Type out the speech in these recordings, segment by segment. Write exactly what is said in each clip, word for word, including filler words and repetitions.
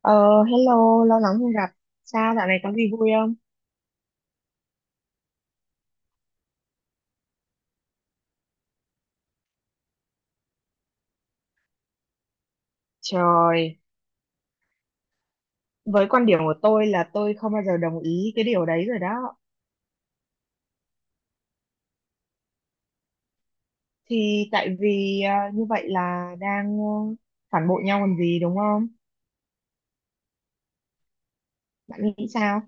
Ờ, hello, lâu lắm không gặp. Sao dạo này có gì vui không? Trời, với quan điểm của tôi là tôi không bao giờ đồng ý cái điều đấy rồi đó. Thì tại vì ờ, như vậy là đang ờ, phản bội nhau còn gì đúng không? Bạn nghĩ sao?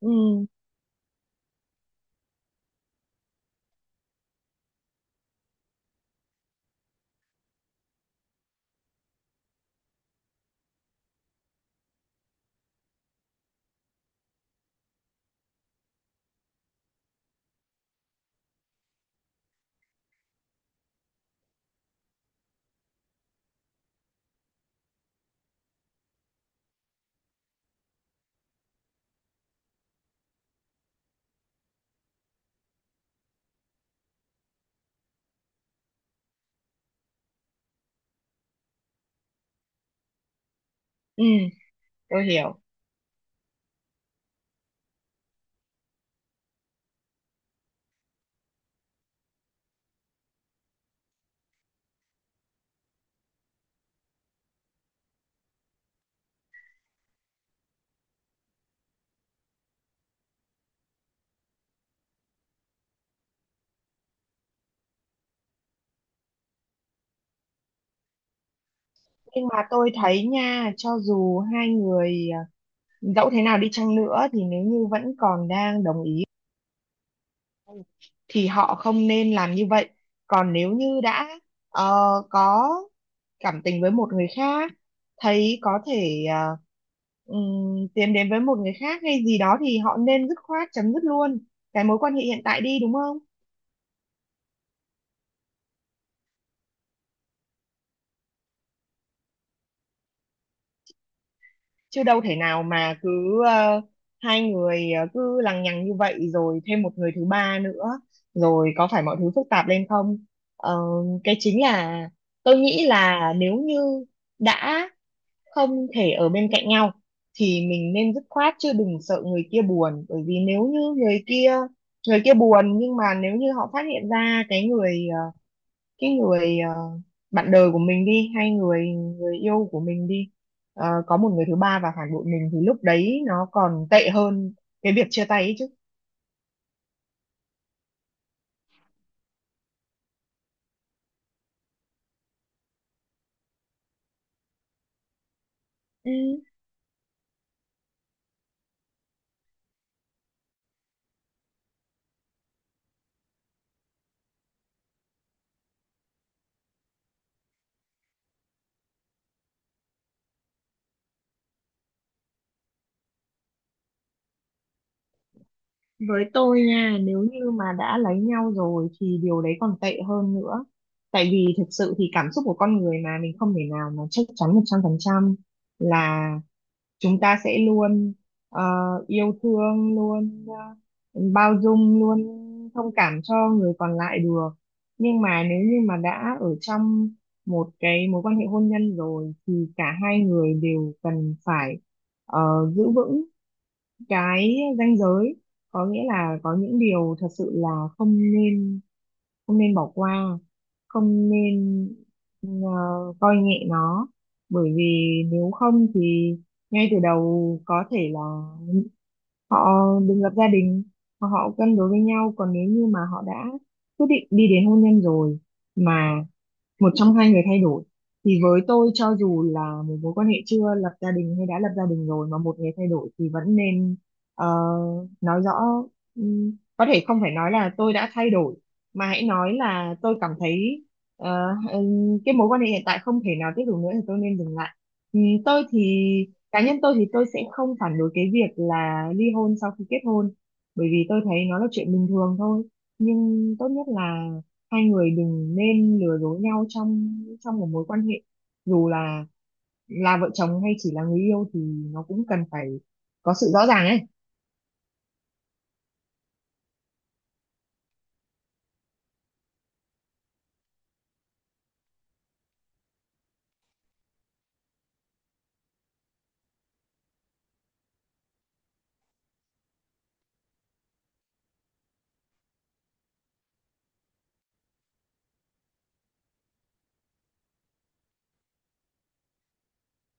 Ừ, ừ, tôi hiểu. Nhưng mà tôi thấy nha, cho dù hai người ờ, dẫu thế nào đi chăng nữa thì nếu như vẫn còn đang đồng ý thì họ không nên làm như vậy. Còn nếu như đã ờ, có cảm tình với một người khác, thấy có thể à, ừm, tiến đến với một người khác hay gì đó thì họ nên dứt khoát chấm dứt luôn cái mối quan hệ hiện tại đi, đúng không, chứ đâu thể nào mà cứ ờ, hai người ờ, cứ lằng nhằng như vậy rồi thêm một người thứ ba nữa rồi có phải mọi thứ phức tạp lên không? Ờ, cái chính là tôi nghĩ là nếu như đã không thể ở bên cạnh nhau thì mình nên dứt khoát, chứ đừng sợ người kia buồn, bởi vì nếu như người kia người kia buồn, nhưng mà nếu như họ phát hiện ra cái người ờ, cái người ờ, bạn đời của mình đi, hay người người yêu của mình đi, ờ, có một người thứ ba và phản bội mình thì lúc đấy nó còn tệ hơn cái việc chia tay ấy chứ. Với tôi nha, nếu như mà đã lấy nhau rồi thì điều đấy còn tệ hơn nữa. Tại vì thực sự thì cảm xúc của con người mà, mình không thể nào mà chắc chắn một trăm phần trăm là chúng ta sẽ luôn ờ, yêu thương, luôn ờ, bao dung, luôn thông cảm cho người còn lại được. Nhưng mà nếu như mà đã ở trong một cái mối quan hệ hôn nhân rồi thì cả hai người đều cần phải ờ, giữ vững cái ranh giới, có nghĩa là có những điều thật sự là không nên, không nên bỏ qua, không nên ờ, coi nhẹ nó, bởi vì nếu không thì ngay từ đầu có thể là họ đừng lập gia đình, hoặc họ cân đối với nhau. Còn nếu như mà họ đã quyết định đi đến hôn nhân rồi mà một trong hai người thay đổi, thì với tôi, cho dù là một mối quan hệ chưa lập gia đình hay đã lập gia đình rồi mà một người thay đổi thì vẫn nên ờ, nói rõ. ừm, có thể không phải nói là tôi đã thay đổi, mà hãy nói là tôi cảm thấy ờ, ừm, cái mối quan hệ hiện tại không thể nào tiếp tục nữa thì tôi nên dừng lại. Ừm, tôi thì cá nhân tôi thì tôi sẽ không phản đối cái việc là ly hôn sau khi kết hôn, bởi vì tôi thấy nó là chuyện bình thường thôi, nhưng tốt nhất là hai người đừng nên lừa dối nhau trong trong một mối quan hệ, dù là là vợ chồng hay chỉ là người yêu thì nó cũng cần phải có sự rõ ràng ấy.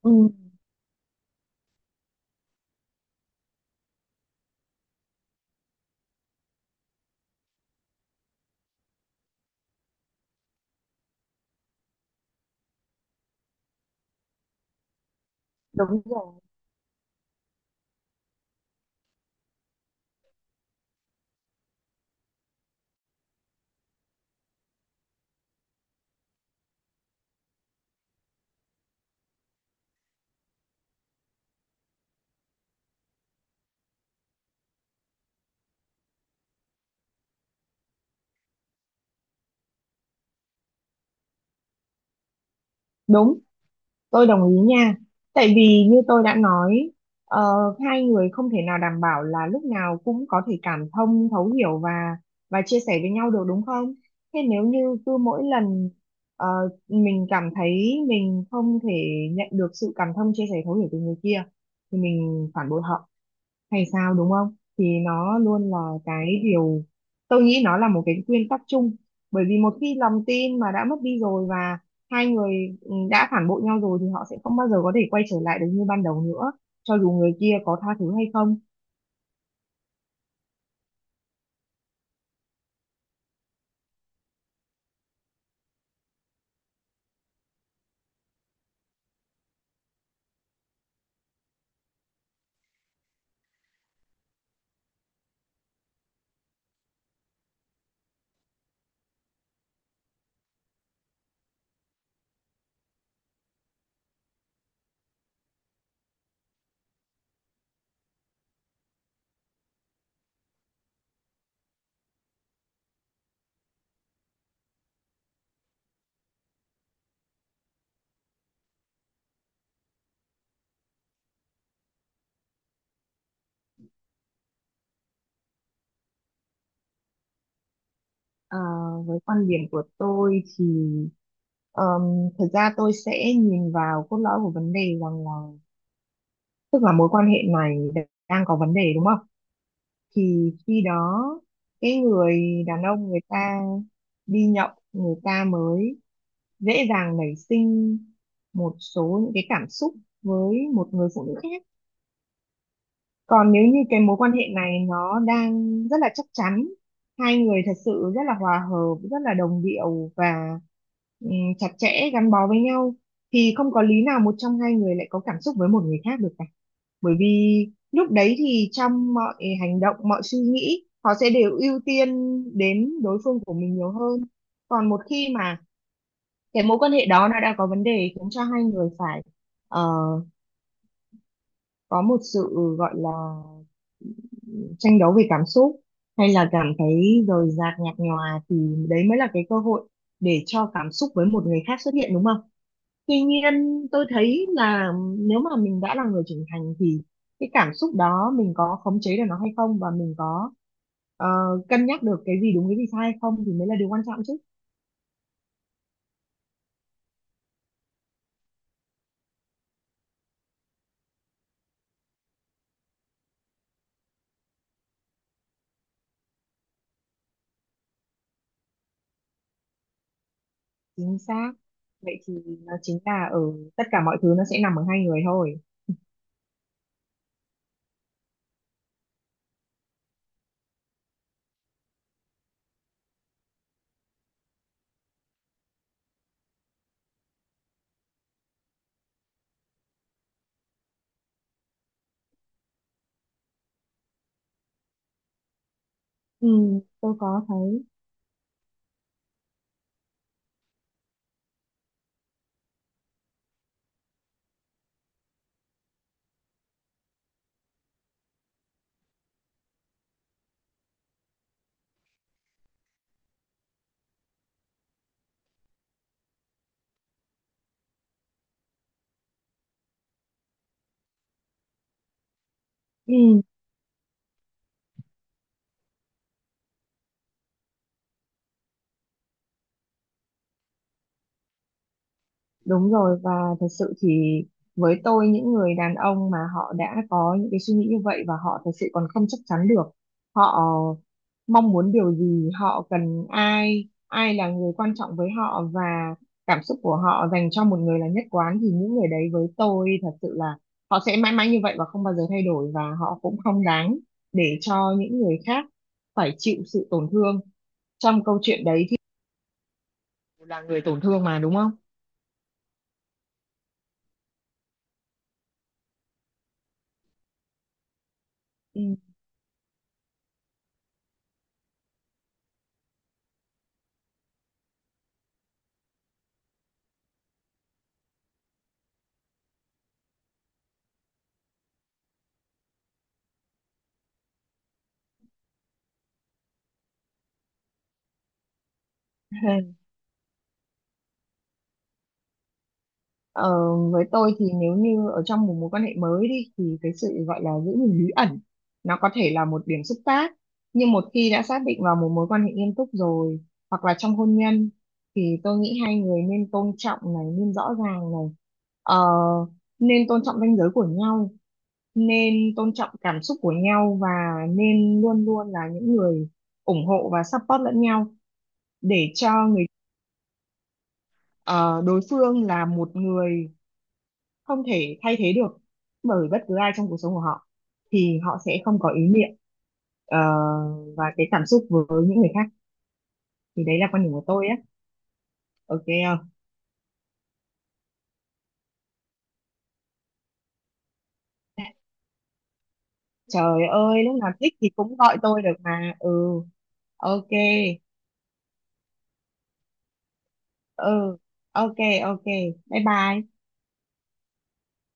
Ừ, đúng rồi. Đúng. Tôi đồng ý nha. Tại vì như tôi đã nói, ờ, hai người không thể nào đảm bảo là lúc nào cũng có thể cảm thông, thấu hiểu và và chia sẻ với nhau được, đúng không? Thế nếu như cứ mỗi lần ờ, mình cảm thấy mình không thể nhận được sự cảm thông, chia sẻ, thấu hiểu từ người kia thì mình phản bội họ hay sao, đúng không? Thì nó luôn là cái điều, tôi nghĩ nó là một cái nguyên tắc chung, bởi vì một khi lòng tin mà đã mất đi rồi, và hai người ừ, đã phản bội nhau rồi thì họ sẽ không bao giờ có thể quay trở lại được như ban đầu nữa, cho dù người kia có tha thứ hay không. À, với quan điểm của tôi thì ờm, thực ra tôi sẽ nhìn vào cốt lõi của vấn đề, rằng là, tức là mối quan hệ này đang có vấn đề đúng không? Thì khi đó, cái người đàn ông người ta đi nhậu người ta mới dễ dàng nảy sinh một số những cái cảm xúc với một người phụ nữ khác. Còn nếu như cái mối quan hệ này nó đang rất là chắc chắn, hai người thật sự rất là hòa hợp, rất là đồng điệu và ừm, chặt chẽ gắn bó với nhau thì không có lý nào một trong hai người lại có cảm xúc với một người khác được cả. Bởi vì lúc đấy thì trong mọi hành động, mọi suy nghĩ họ sẽ đều ưu tiên đến đối phương của mình nhiều hơn. Còn một khi mà cái mối quan hệ đó nó đã có vấn đề khiến cho hai người phải ờ, có một sự gọi là tranh đấu về cảm xúc, hay là cảm thấy rời rạc nhạt nhòa, thì đấy mới là cái cơ hội để cho cảm xúc với một người khác xuất hiện, đúng không? Tuy nhiên tôi thấy là nếu mà mình đã là người trưởng thành thì cái cảm xúc đó mình có khống chế được nó hay không, và mình có ờ, cân nhắc được cái gì đúng cái gì sai hay không, thì mới là điều quan trọng chứ. Chính xác. Vậy thì nó chính là ở, tất cả mọi thứ nó sẽ nằm ở hai người thôi. Ừ, tôi có thấy. Ừ. Đúng rồi, và thật sự thì với tôi, những người đàn ông mà họ đã có những cái suy nghĩ như vậy, và họ thật sự còn không chắc chắn được họ mong muốn điều gì, họ cần ai, ai là người quan trọng với họ, và cảm xúc của họ dành cho một người là nhất quán, thì những người đấy với tôi thật sự là họ sẽ mãi mãi như vậy và không bao giờ thay đổi, và họ cũng không đáng để cho những người khác phải chịu sự tổn thương. Trong câu chuyện đấy thì là người tổn thương mà, đúng không? Ừ. Ờ, với tôi thì nếu như ở trong một mối quan hệ mới đi thì cái sự gọi là giữ gìn bí ẩn nó có thể là một điểm xúc tác, nhưng một khi đã xác định vào một mối quan hệ nghiêm túc rồi, hoặc là trong hôn nhân, thì tôi nghĩ hai người nên tôn trọng này, nên rõ ràng này. Ờ, nên tôn trọng ranh giới của nhau, nên tôn trọng cảm xúc của nhau, và nên luôn luôn là những người ủng hộ và support lẫn nhau, để cho người ờ, đối phương là một người không thể thay thế được bởi bất cứ ai trong cuộc sống của họ, thì họ sẽ không có ý niệm ờ, và cái cảm xúc với những người khác. Thì đấy là quan điểm của tôi á. Ok không? Trời ơi, lúc nào thích thì cũng gọi tôi được mà. Ừ, ok. Ừ. Ok. Ok, bye bye.